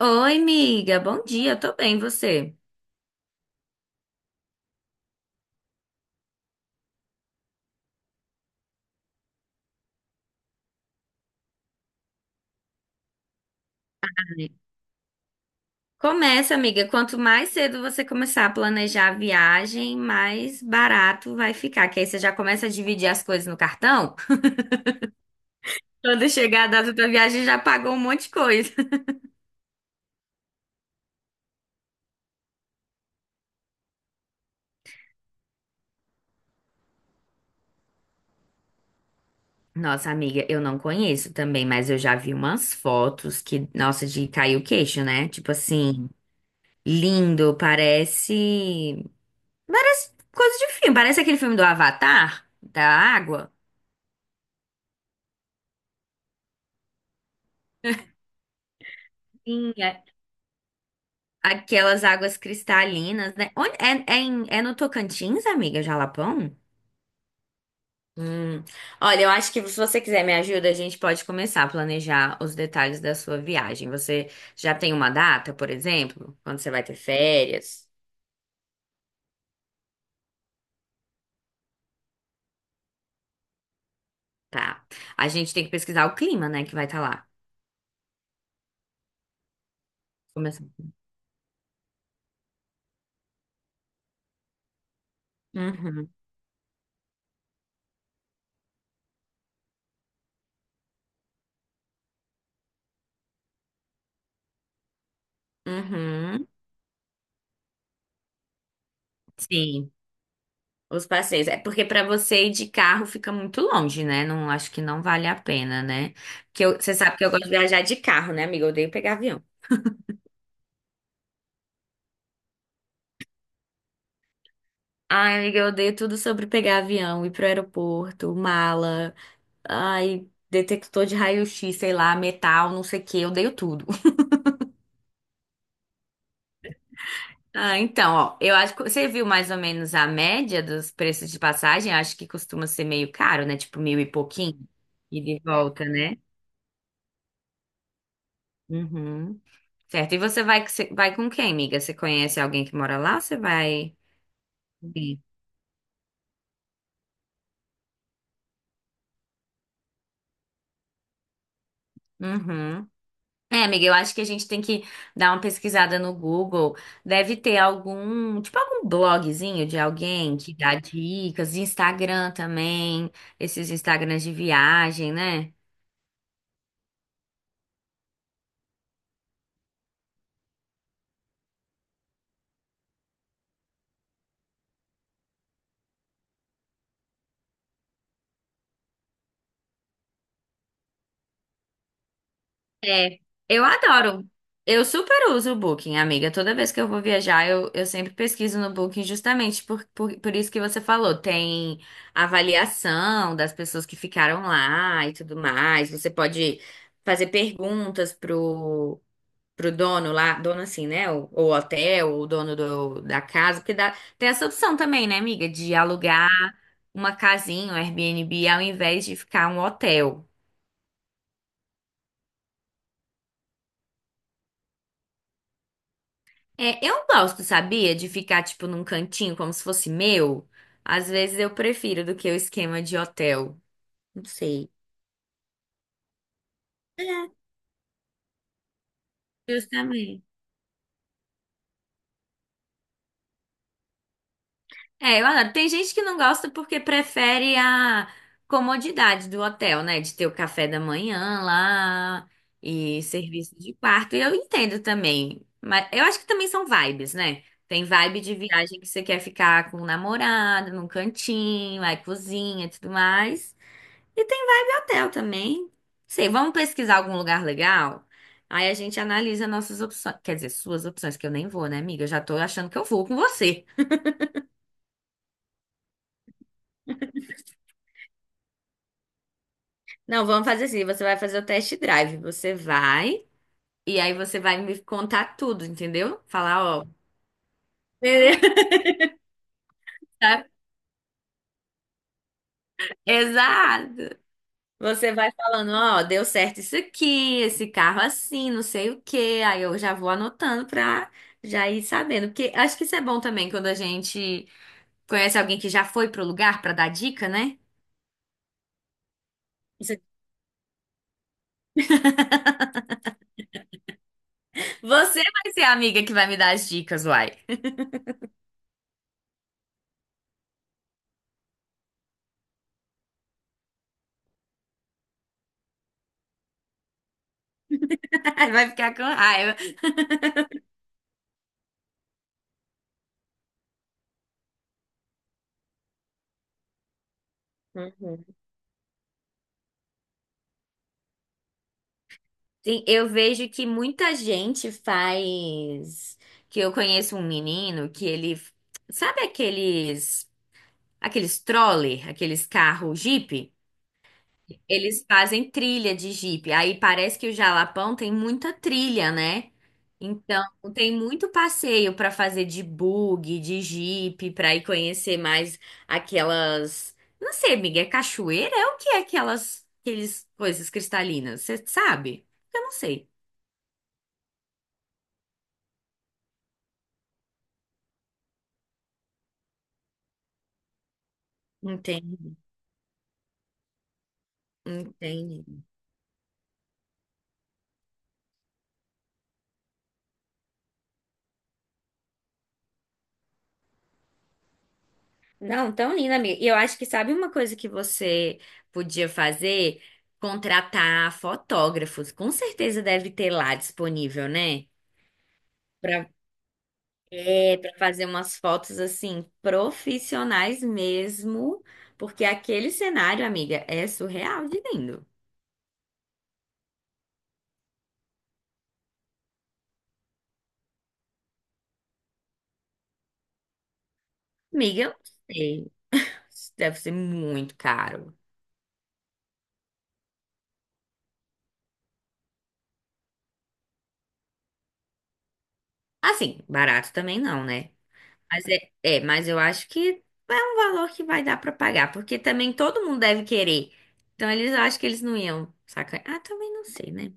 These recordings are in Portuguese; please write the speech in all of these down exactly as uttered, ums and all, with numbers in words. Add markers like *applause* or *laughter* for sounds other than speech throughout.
Oi, amiga, bom dia, eu tô bem, você? Começa, amiga, quanto mais cedo você começar a planejar a viagem, mais barato vai ficar, que aí você já começa a dividir as coisas no cartão. Quando chegar a data da viagem, já pagou um monte de coisa. Nossa, amiga, eu não conheço também, mas eu já vi umas fotos que, nossa, de cair o queixo, né? Tipo assim, lindo, parece. Parece coisa de filme, parece aquele filme do Avatar, da água. Sim, é, aquelas águas cristalinas, né? Onde, é, é, em- é no Tocantins, amiga, Jalapão? Hum. Olha, eu acho que se você quiser me ajuda, a gente pode começar a planejar os detalhes da sua viagem. Você já tem uma data, por exemplo, quando você vai ter férias? Tá. A gente tem que pesquisar o clima, né, que vai estar lá. Começar. Uhum. Uhum. Sim. Os passeios. É porque para você ir de carro fica muito longe, né? Não acho que não vale a pena, né? Porque eu- você sabe que eu gosto de viajar de carro, né, amiga? Eu odeio pegar avião. Ai, amiga, eu odeio tudo sobre pegar avião, ir pro aeroporto, mala, ai, detector de raio-x, sei lá, metal, não sei o quê, eu odeio tudo. *laughs* Ah, então, ó, eu acho que você viu mais ou menos a média dos preços de passagem, acho que costuma ser meio caro, né? Tipo mil e pouquinho, ida e de volta, né? Uhum. Certo. E você vai, vai com quem, amiga? Você conhece alguém que mora lá? Você vai. Sim. Uhum. É, amiga, eu acho que a gente tem que dar uma pesquisada no Google. Deve ter algum, tipo algum blogzinho de alguém que dá dicas, Instagram também, esses Instagrams de viagem, né? É, eu adoro. Eu super uso o Booking, amiga. Toda vez que eu vou viajar, eu, eu sempre pesquiso no Booking, justamente por, por, por isso que você falou. Tem avaliação das pessoas que ficaram lá e tudo mais. Você pode fazer perguntas pro, pro dono lá, dono assim, né? Ou, ou hotel, ou dono do, da casa, porque dá, tem essa opção também, né, amiga, de alugar uma casinha, um Airbnb, ao invés de ficar um hotel. É, eu gosto, sabia? De ficar, tipo, num cantinho como se fosse meu. Às vezes eu prefiro do que o esquema de hotel. Não sei. É, justamente. É, eu adoro. Tem gente que não gosta porque prefere a comodidade do hotel, né? De ter o café da manhã lá e serviço de quarto. E eu entendo também. Mas eu acho que também são vibes, né? Tem vibe de viagem que você quer ficar com o namorado, num cantinho, aí cozinha e tudo mais. E tem vibe hotel também. Sei, vamos pesquisar algum lugar legal? Aí a gente analisa nossas opções. Quer dizer, suas opções, que eu nem vou, né, amiga? Eu já tô achando que eu vou com você. Não, vamos fazer assim. Você vai fazer o test drive. Você vai, e aí você vai me contar tudo, entendeu? Falar, ó. beleza, *laughs* Exato. Você vai falando, ó, deu certo isso aqui, esse carro assim, não sei o quê. Aí eu já vou anotando pra já ir sabendo. Porque acho que isso é bom também quando a gente. Conhece alguém que já foi pro lugar pra dar dica, né? Você você vai ser a amiga que vai me dar as dicas, uai. *laughs* Vai ficar com raiva. Uhum. Sim, eu vejo que muita gente faz. Que eu conheço um menino que ele. Sabe aqueles. Aqueles troller, aqueles carros Jeep? Eles fazem trilha de Jeep. Aí parece que o Jalapão tem muita trilha, né? Então, tem muito passeio para fazer de bug, de Jeep, para ir conhecer mais aquelas, não sei, amiga, é cachoeira? É o que é aquelas, aqueles coisas cristalinas? Você sabe? Eu não sei. Entendi, entendi. Não, tão linda, amiga. E eu acho que sabe uma coisa que você podia fazer? Contratar fotógrafos. Com certeza deve ter lá disponível, né? Pra, é, pra fazer umas fotos assim, profissionais mesmo, porque aquele cenário, amiga, é surreal de lindo. Amiga, eu não sei. Deve ser muito caro. Assim, barato também não, né? Mas é, é, mas eu acho que é um valor que vai dar pra pagar, porque também todo mundo deve querer. Então eles acham que eles não iam sacanagem. Ah, também não sei, né?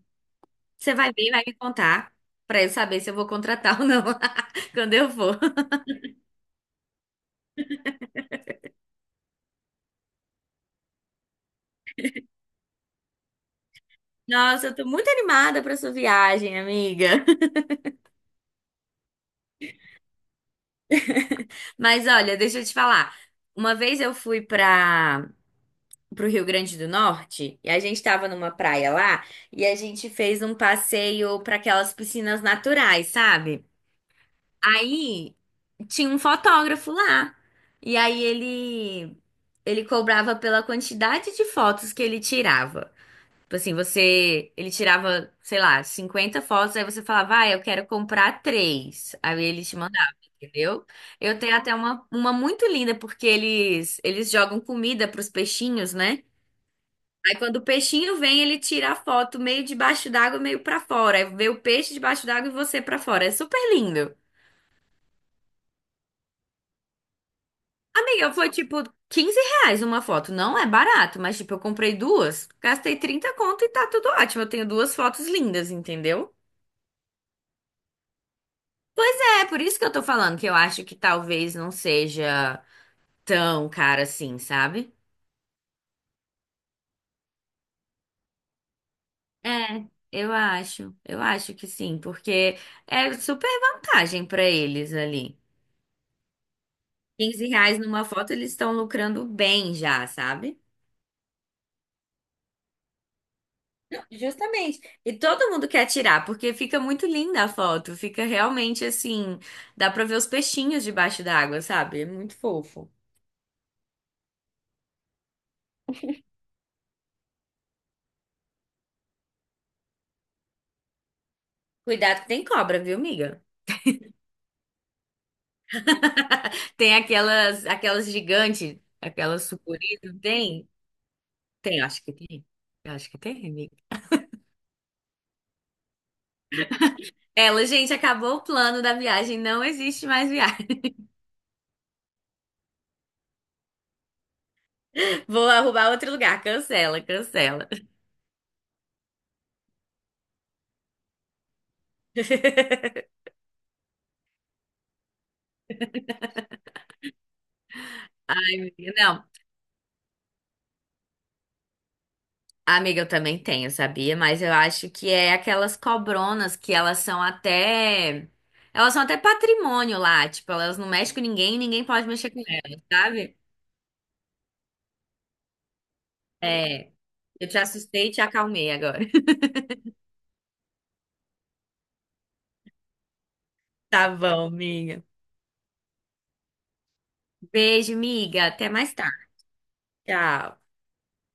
Você vai ver e vai me contar pra eu saber se eu vou contratar ou não *laughs* quando eu for. Nossa, eu tô muito animada pra sua viagem, amiga. *laughs* Mas olha, deixa eu te falar. Uma vez eu fui para pro Rio Grande do Norte e a gente tava numa praia lá e a gente fez um passeio pra aquelas piscinas naturais, sabe? Aí tinha um fotógrafo lá. E aí ele ele cobrava pela quantidade de fotos que ele tirava. Tipo assim, você, ele tirava, sei lá, cinquenta fotos, aí você falava, ah, eu quero comprar três. Aí ele te mandava, entendeu? Eu tenho até uma, uma muito linda, porque eles, eles jogam comida pros peixinhos, né? Aí quando o peixinho vem, ele tira a foto meio debaixo d'água, meio pra fora. Aí vê o peixe debaixo d'água e você pra fora. É super lindo. Amiga, foi tipo quinze reais uma foto. Não é barato, mas tipo, eu comprei duas, gastei trinta conto e tá tudo ótimo. Eu tenho duas fotos lindas, entendeu? É por isso que eu tô falando que eu acho que talvez não seja tão cara assim, sabe? É, eu acho. Eu acho que sim, porque é super vantagem pra eles ali. Quinze reais numa foto, eles estão lucrando bem já, sabe? Não, justamente. E todo mundo quer tirar, porque fica muito linda a foto. Fica realmente assim. Dá pra ver os peixinhos debaixo d'água, sabe? É muito fofo. Cuidado que tem cobra, viu, miga? Tem aquelas, aquelas gigantes, aquelas sucuri, não tem? Tem, acho que tem. Eu acho que tem, amiga. Ela, gente, acabou o plano da viagem, não existe mais viagem. *laughs* Vou arrumar outro lugar, cancela, cancela. *laughs* Ai, amiga, não, amiga, eu também tenho, sabia? Mas eu acho que é aquelas cobronas que elas são até. Elas são até patrimônio lá, tipo, elas não mexem com ninguém, ninguém pode mexer com elas, sabe? É, eu te assustei e te acalmei agora. *laughs* Tá bom, minha. Beijo, miga. Até mais tarde. Tchau.